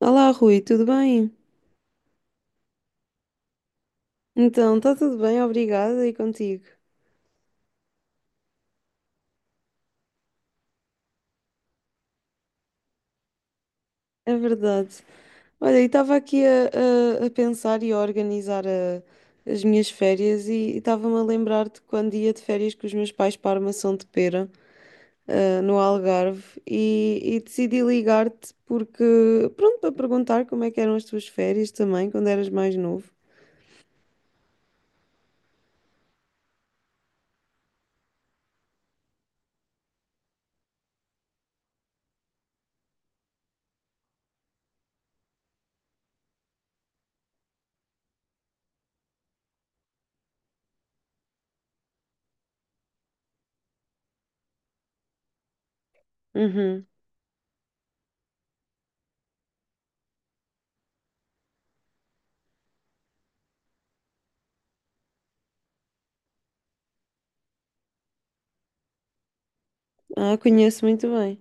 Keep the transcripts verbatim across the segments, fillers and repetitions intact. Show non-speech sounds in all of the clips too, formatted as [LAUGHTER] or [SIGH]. Olá, Rui, tudo bem? Então, está tudo bem, obrigada, e contigo? É verdade. Olha, e estava aqui a, a- a pensar e a organizar a- as minhas férias e estava-me a lembrar de quando ia de férias com os meus pais para a Armação de Pera, ah, no Algarve, e, e decidi ligar-te porque, pronto, para perguntar como é que eram as tuas férias também, quando eras mais novo. Uhum. Ah, conheço muito bem.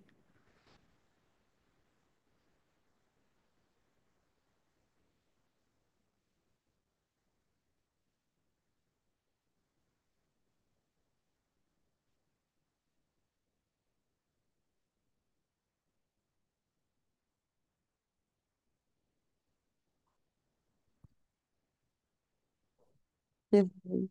É verdade.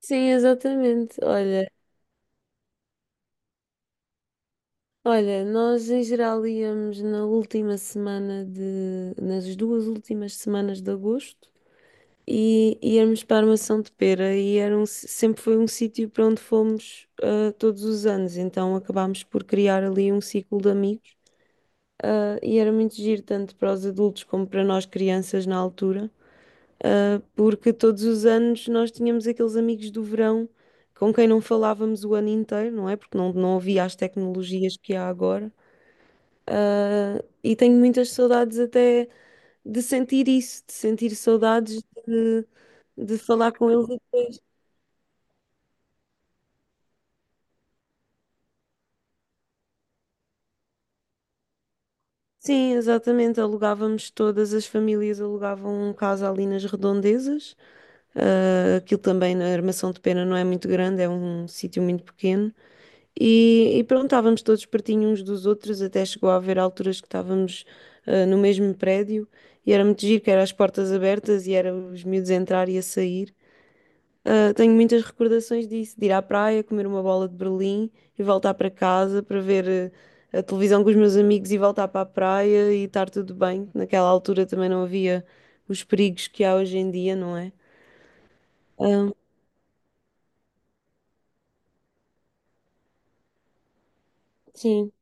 Sim, exatamente. Olha. Olha, nós em geral íamos na última semana de, nas duas últimas semanas de agosto e íamos para a Armação de Pera e era um si- sempre foi um sítio para onde fomos ah, todos os anos, então acabámos por criar ali um ciclo de amigos. Ah, e era muito giro tanto para os adultos como para nós crianças na altura, ah, porque todos os anos nós tínhamos aqueles amigos do verão com quem não falávamos o ano inteiro, não é? Porque não, não havia as tecnologias que há agora. Ah, e tenho muitas saudades até de sentir isso, de sentir saudades de, de falar com eles. Sim, exatamente. Alugávamos todas as famílias, alugavam um casa ali nas redondezas. Ah, aquilo também na Armação de Pena não é muito grande, é um sítio muito pequeno. E, e pronto, estávamos todos pertinho uns dos outros, até chegou a haver alturas que estávamos ah, no mesmo prédio e era muito giro, que era as portas abertas e era os miúdos a entrar e a sair. Ah, tenho muitas recordações disso, de ir à praia, comer uma bola de Berlim e voltar para casa para ver eh, a televisão com os meus amigos e voltar para a praia e estar tudo bem. Naquela altura também não havia os perigos que há hoje em dia, não é? Ah, sim.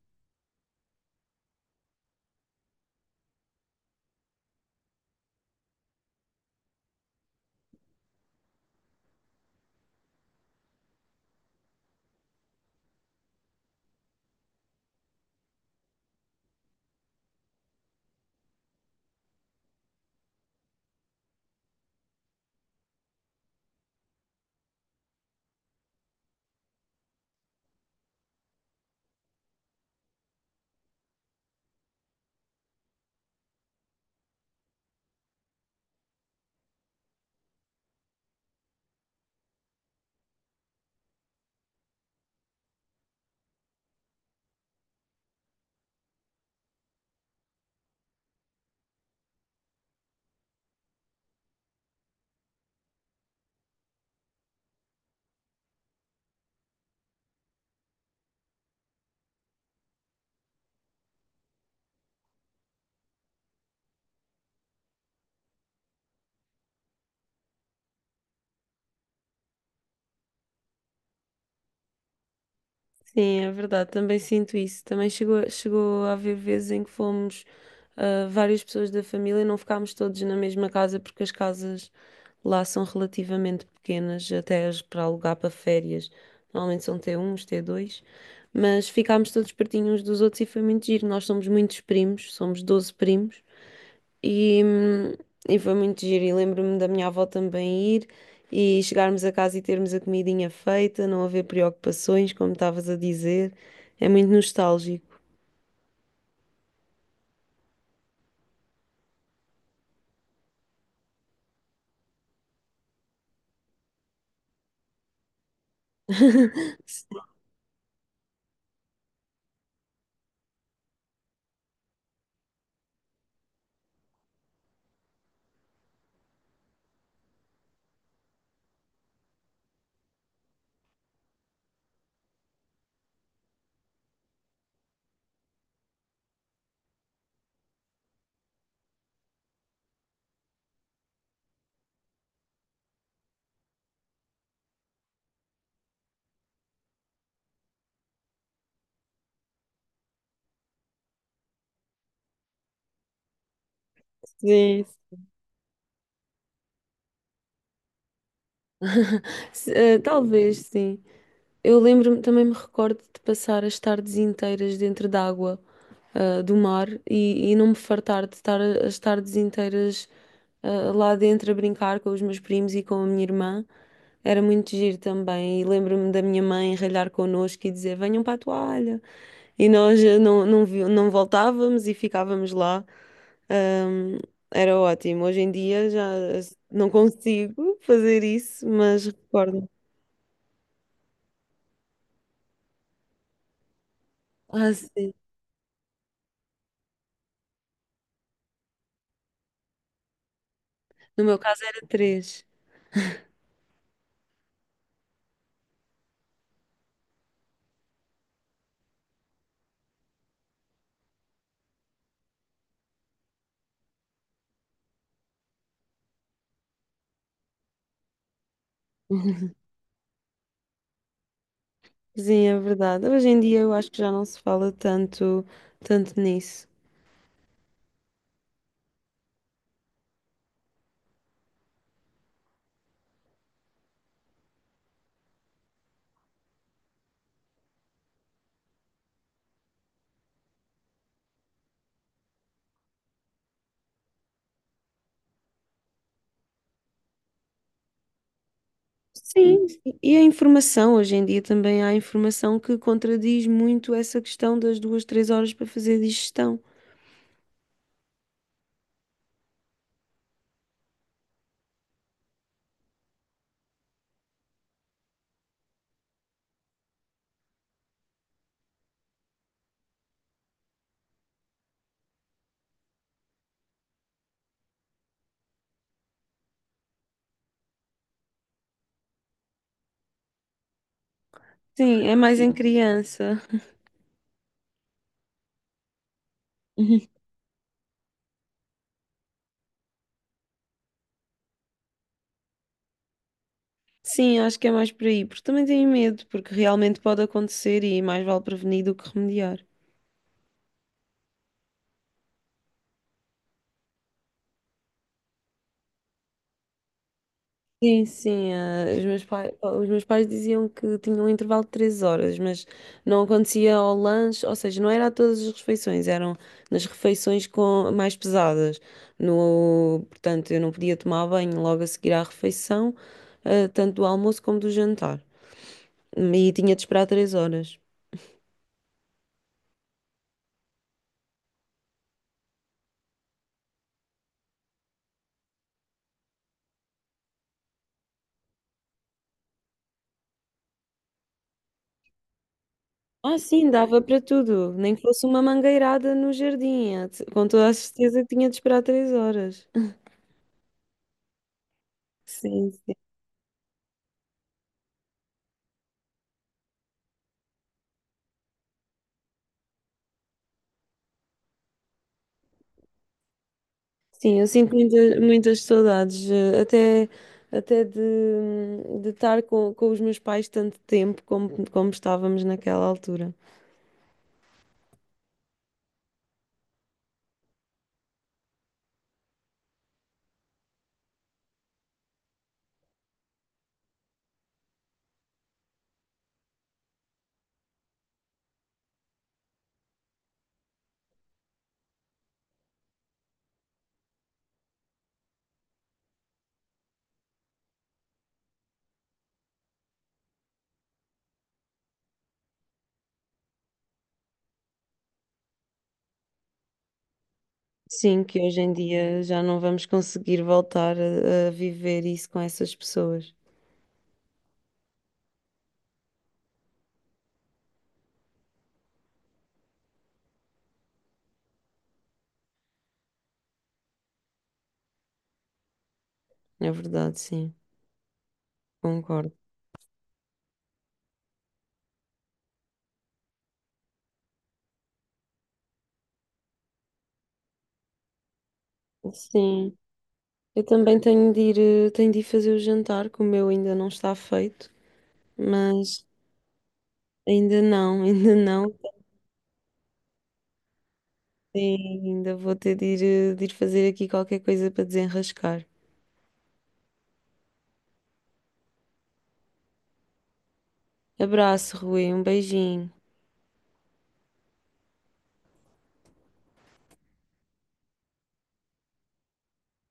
Sim, é verdade, também sinto isso. Também chegou, chegou a haver vezes em que fomos ah, várias pessoas da família e não ficámos todos na mesma casa porque as casas lá são relativamente pequenas, até as para alugar para férias. Normalmente são t um t dois, mas ficámos todos pertinho uns dos outros e foi muito giro. Nós somos muitos primos, somos doze primos e, hum, e foi muito giro. E lembro-me da minha avó também ir e chegarmos a casa e termos a comidinha feita, não haver preocupações, como estavas a dizer. É muito nostálgico. Sim. Se- eh, talvez, sim. Eu lembro-me, também me recordo de passar as tardes inteiras dentro d'água, ah, do mar e, e não me fartar de estar a- as tardes inteiras ah, lá dentro a brincar com os meus primos e com a minha irmã. Era muito giro também. E lembro-me da minha mãe ralhar connosco e dizer: venham para a toalha. E nós eh, não, não, vi- não voltávamos e ficávamos lá. Ahm, era ótimo. Hoje em dia já eh, não consigo fazer isso, mas recordo. Ah, sim. No meu caso era três. [LAUGHS] Sim, é verdade. Hoje em dia eu acho que já não se fala tanto, tanto nisso. E, Sim, e a informação, hoje em dia também há informação que contradiz muito essa questão das duas, três horas para fazer digestão. Sim, é mais em criança. [LAUGHS] Sim, acho que é mais por aí, porque também tenho medo, porque realmente pode acontecer e mais vale prevenir do que remediar. Sim, sim, eh, os meus pais, os meus pais diziam que tinham um intervalo de três horas, mas não acontecia ao lanche, ou seja, não era a todas as refeições, eram nas refeições com, mais pesadas. No, portanto, eu não podia tomar banho logo a seguir à refeição, eh, tanto do almoço como do jantar. E tinha de esperar três horas. Ah, sim, dava para tudo, nem que fosse uma mangueirada no jardim, eh, com toda a certeza que tinha de esperar três horas. [LAUGHS] Sim, Sim, eu sinto muita- muitas saudades, eh, até, até de, hum, de estar com, com os meus pais tanto tempo como, como estávamos naquela altura. Sim, que hoje em dia já não vamos conseguir voltar a, a viver isso com essas pessoas. É verdade, sim, concordo. Sim, eu também tenho de ir, eh, tenho de ir fazer o jantar, que o meu ainda não está feito, mas ainda não, [LAUGHS] ainda não. Sim, ainda vou ter de ir, eh, de ir fazer aqui qualquer coisa para desenrascar. Abraço, Rui. Um beijinho.